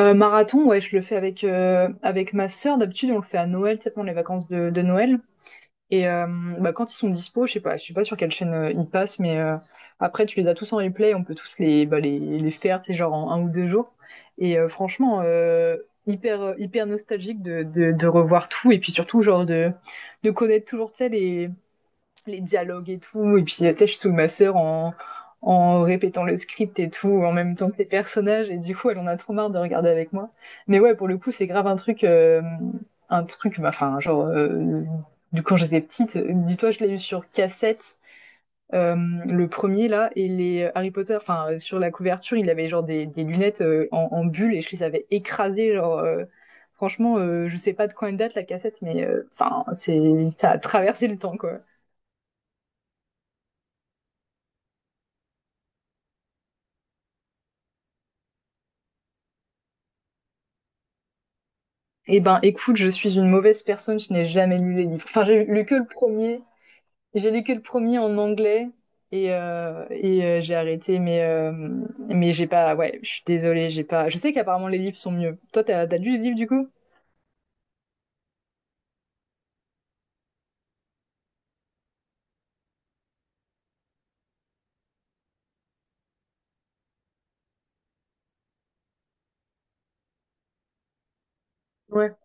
Marathon, ouais, je le fais avec, avec ma sœur. D'habitude, on le fait à Noël, tu sais, pendant les vacances de Noël. Et bah, quand ils sont dispo, je sais pas sur quelle chaîne ils passent, mais après, tu les as tous en replay, on peut tous les, bah, les faire, tu sais, genre en un ou deux jours. Et franchement, hyper, hyper nostalgique de revoir tout, et puis surtout, genre, de connaître toujours, tu sais, les dialogues et tout. Et puis, tu sais, je saoule ma sœur en, en répétant le script et tout, en même temps que les personnages. Et du coup, elle en a trop marre de regarder avec moi. Mais ouais, pour le coup, c'est grave un truc, bah, enfin, bah, genre, quand j'étais petite, dis-toi, je l'ai eu sur cassette. euh, le premier là et les Harry Potter enfin sur la couverture il avait genre des lunettes en, en bulle et je les avais écrasées genre franchement je sais pas de quand elle date la cassette mais enfin c'est ça a traversé le temps quoi. Eh ben, écoute, je suis une mauvaise personne, je n'ai jamais lu les livres. Enfin, j'ai lu que le premier. J'ai lu que le premier en anglais et, j'ai arrêté, mais j'ai pas. Ouais, je suis désolée, j'ai pas. Je sais qu'apparemment les livres sont mieux. Toi, t'as as lu les livres du coup? Ouais,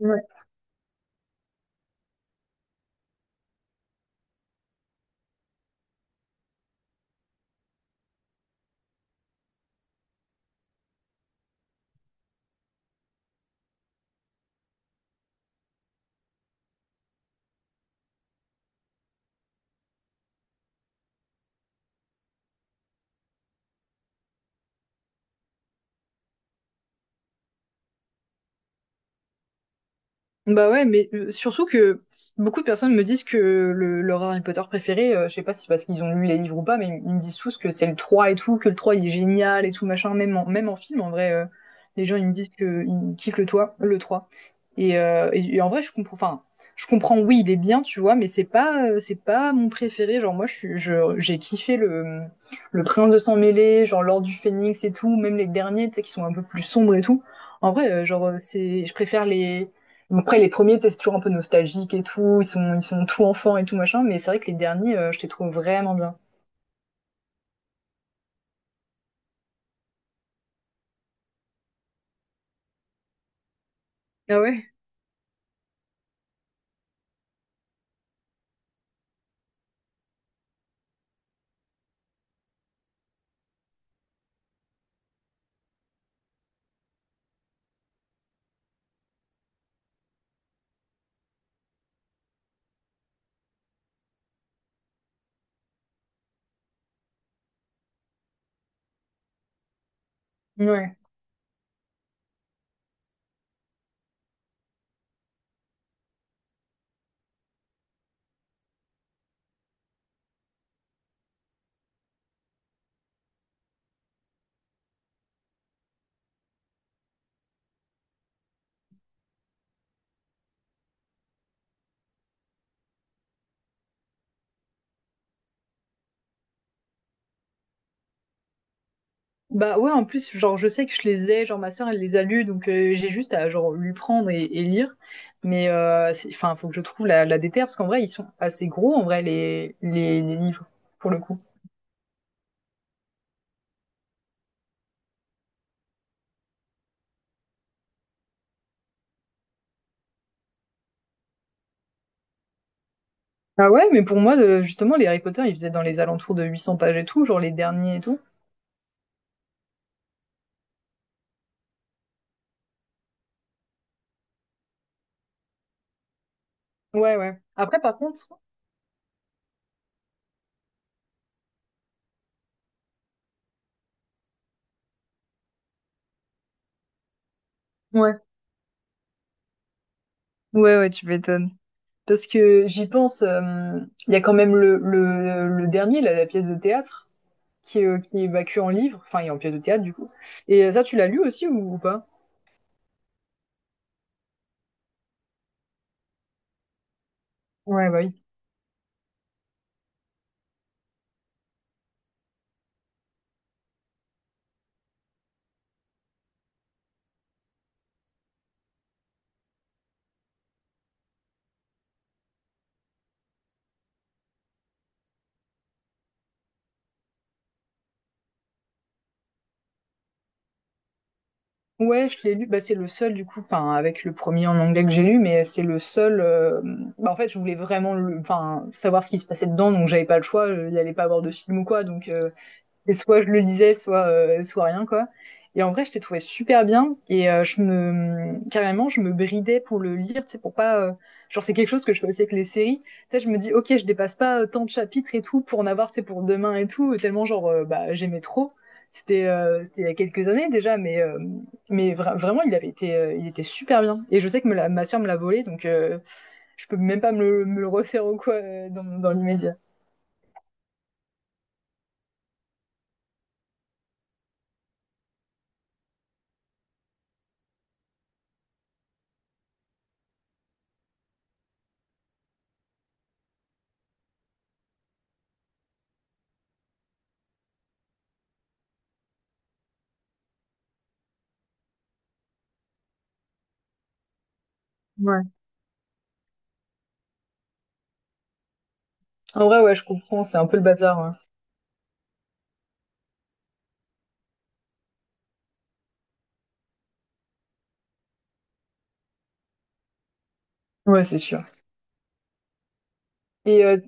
ouais. Bah ouais, mais surtout que beaucoup de personnes me disent que le, leur Harry Potter préféré, je sais pas si c'est parce qu'ils ont lu les livres ou pas, mais ils me disent tous que c'est le 3 et tout, que le 3 il est génial et tout machin, même en, même en film en vrai, les gens ils me disent que ils kiffent le 3, le 3. Et, et en vrai, je comprends. Enfin, je comprends. Oui, il est bien, tu vois, mais c'est pas mon préféré. Genre moi, j'ai kiffé le Prince de sang mêlé, genre l'Or du Phénix et tout. Même les derniers, tu sais, qui sont un peu plus sombres et tout. En vrai, genre c'est, je préfère les. Bon, après les premiers, tu sais, c'est toujours un peu nostalgique et tout. Ils sont tout enfants et tout machin. Mais c'est vrai que les derniers, je les trouve vraiment bien. Ah ouais? Ouais. Bah, ouais, en plus, genre, je sais que je les ai, genre, ma sœur, elle les a lus, donc j'ai juste à, genre, lui prendre et lire. Mais c'est enfin, faut que je trouve la déterre parce qu'en vrai, ils sont assez gros, en vrai, les livres, pour le coup. Ah ouais? Mais pour moi, justement, les Harry Potter, ils faisaient dans les alentours de 800 pages et tout, genre, les derniers et tout. Ouais, ouais. Après, par contre ouais, ouais, tu m'étonnes. Parce que j'y pense, hem, il y a quand même le dernier, là, la pièce de théâtre. Qui qui est bah, en livre, enfin, et en pièce de théâtre, du coup. Et ça, tu l'as lu aussi ou pas? Ouais, bah oui. Ouais, je l'ai lu. Bah, c'est le seul, du coup, enfin, avec le premier en anglais que j'ai lu, mais c'est le seul. Bah, en fait, je voulais vraiment le... enfin, savoir ce qui se passait dedans, donc j'avais pas le choix. Il n'y allait pas avoir de film ou quoi, donc. Et soit je le lisais, soit, soit rien, quoi. Et en vrai, je t'ai trouvé super bien. Et je me, carrément, je me bridais pour le lire, tu sais, pour pas. Genre, c'est quelque chose que je fais aussi avec les séries. Tu sais, je me dis, ok, je dépasse pas tant de chapitres et tout pour en avoir, tu sais, pour demain et tout. Tellement, genre, bah, j'aimais trop. C'était c'était il y a quelques années déjà, mais vraiment, il avait été, il était super bien. Et je sais que ma sœur me l'a volé, donc je peux même pas me, me le refaire ou quoi dans l'immédiat. Ouais. En vrai, ouais, je comprends, c'est un peu le bazar. Ouais, ouais c'est sûr. Et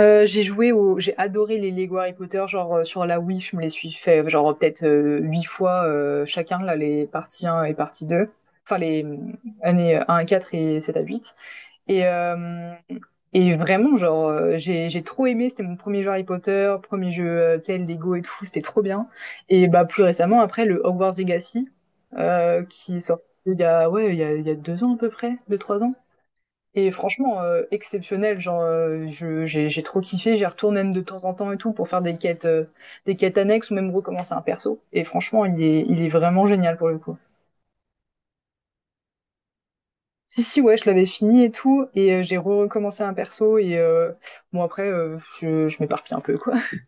j'ai adoré les Lego Harry Potter, genre sur la Wii, je me les suis fait genre peut-être huit fois chacun là les parties un et partie 2, enfin les années un à 4 et 7 à 8. Et euh, et vraiment genre j'ai trop aimé, c'était mon premier jeu Harry Potter, premier jeu tu sais Lego et tout, c'était trop bien. Et bah plus récemment après le Hogwarts Legacy qui est sorti il y a ouais il y a 2 ans à peu près, 2 3 ans. Et franchement, exceptionnel, genre, je j'ai trop kiffé, j'y retourne même de temps en temps et tout pour faire des quêtes annexes ou même recommencer un perso et franchement, il est vraiment génial pour le coup. Si, si, ouais, je l'avais fini et tout et j'ai recommencé un perso et bon après, je m'éparpille un peu, quoi.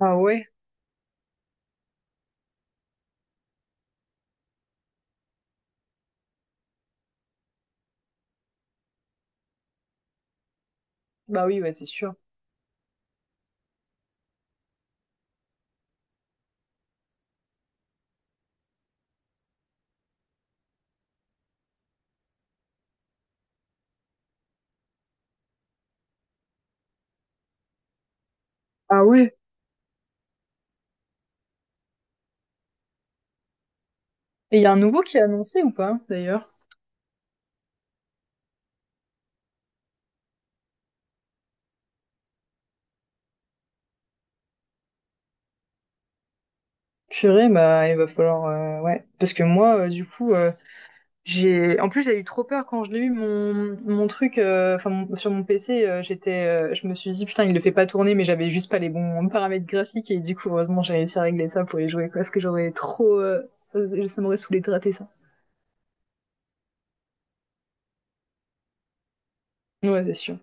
Ah ouais? Bah oui, ouais, c'est sûr. Ah ouais? Et il y a un nouveau qui est annoncé ou pas, d'ailleurs? Purée, bah, il va falloir, ouais, parce que moi, du coup, j'ai, en plus, j'ai eu trop peur quand je l'ai eu mon, mon truc, enfin sur mon PC, je me suis dit putain, il le fait pas tourner, mais j'avais juste pas les bons paramètres graphiques et du coup, heureusement, j'ai réussi à régler ça pour y jouer quoi, parce que j'aurais trop, ça m'aurait saoulé de rater ça. Ouais, c'est sûr.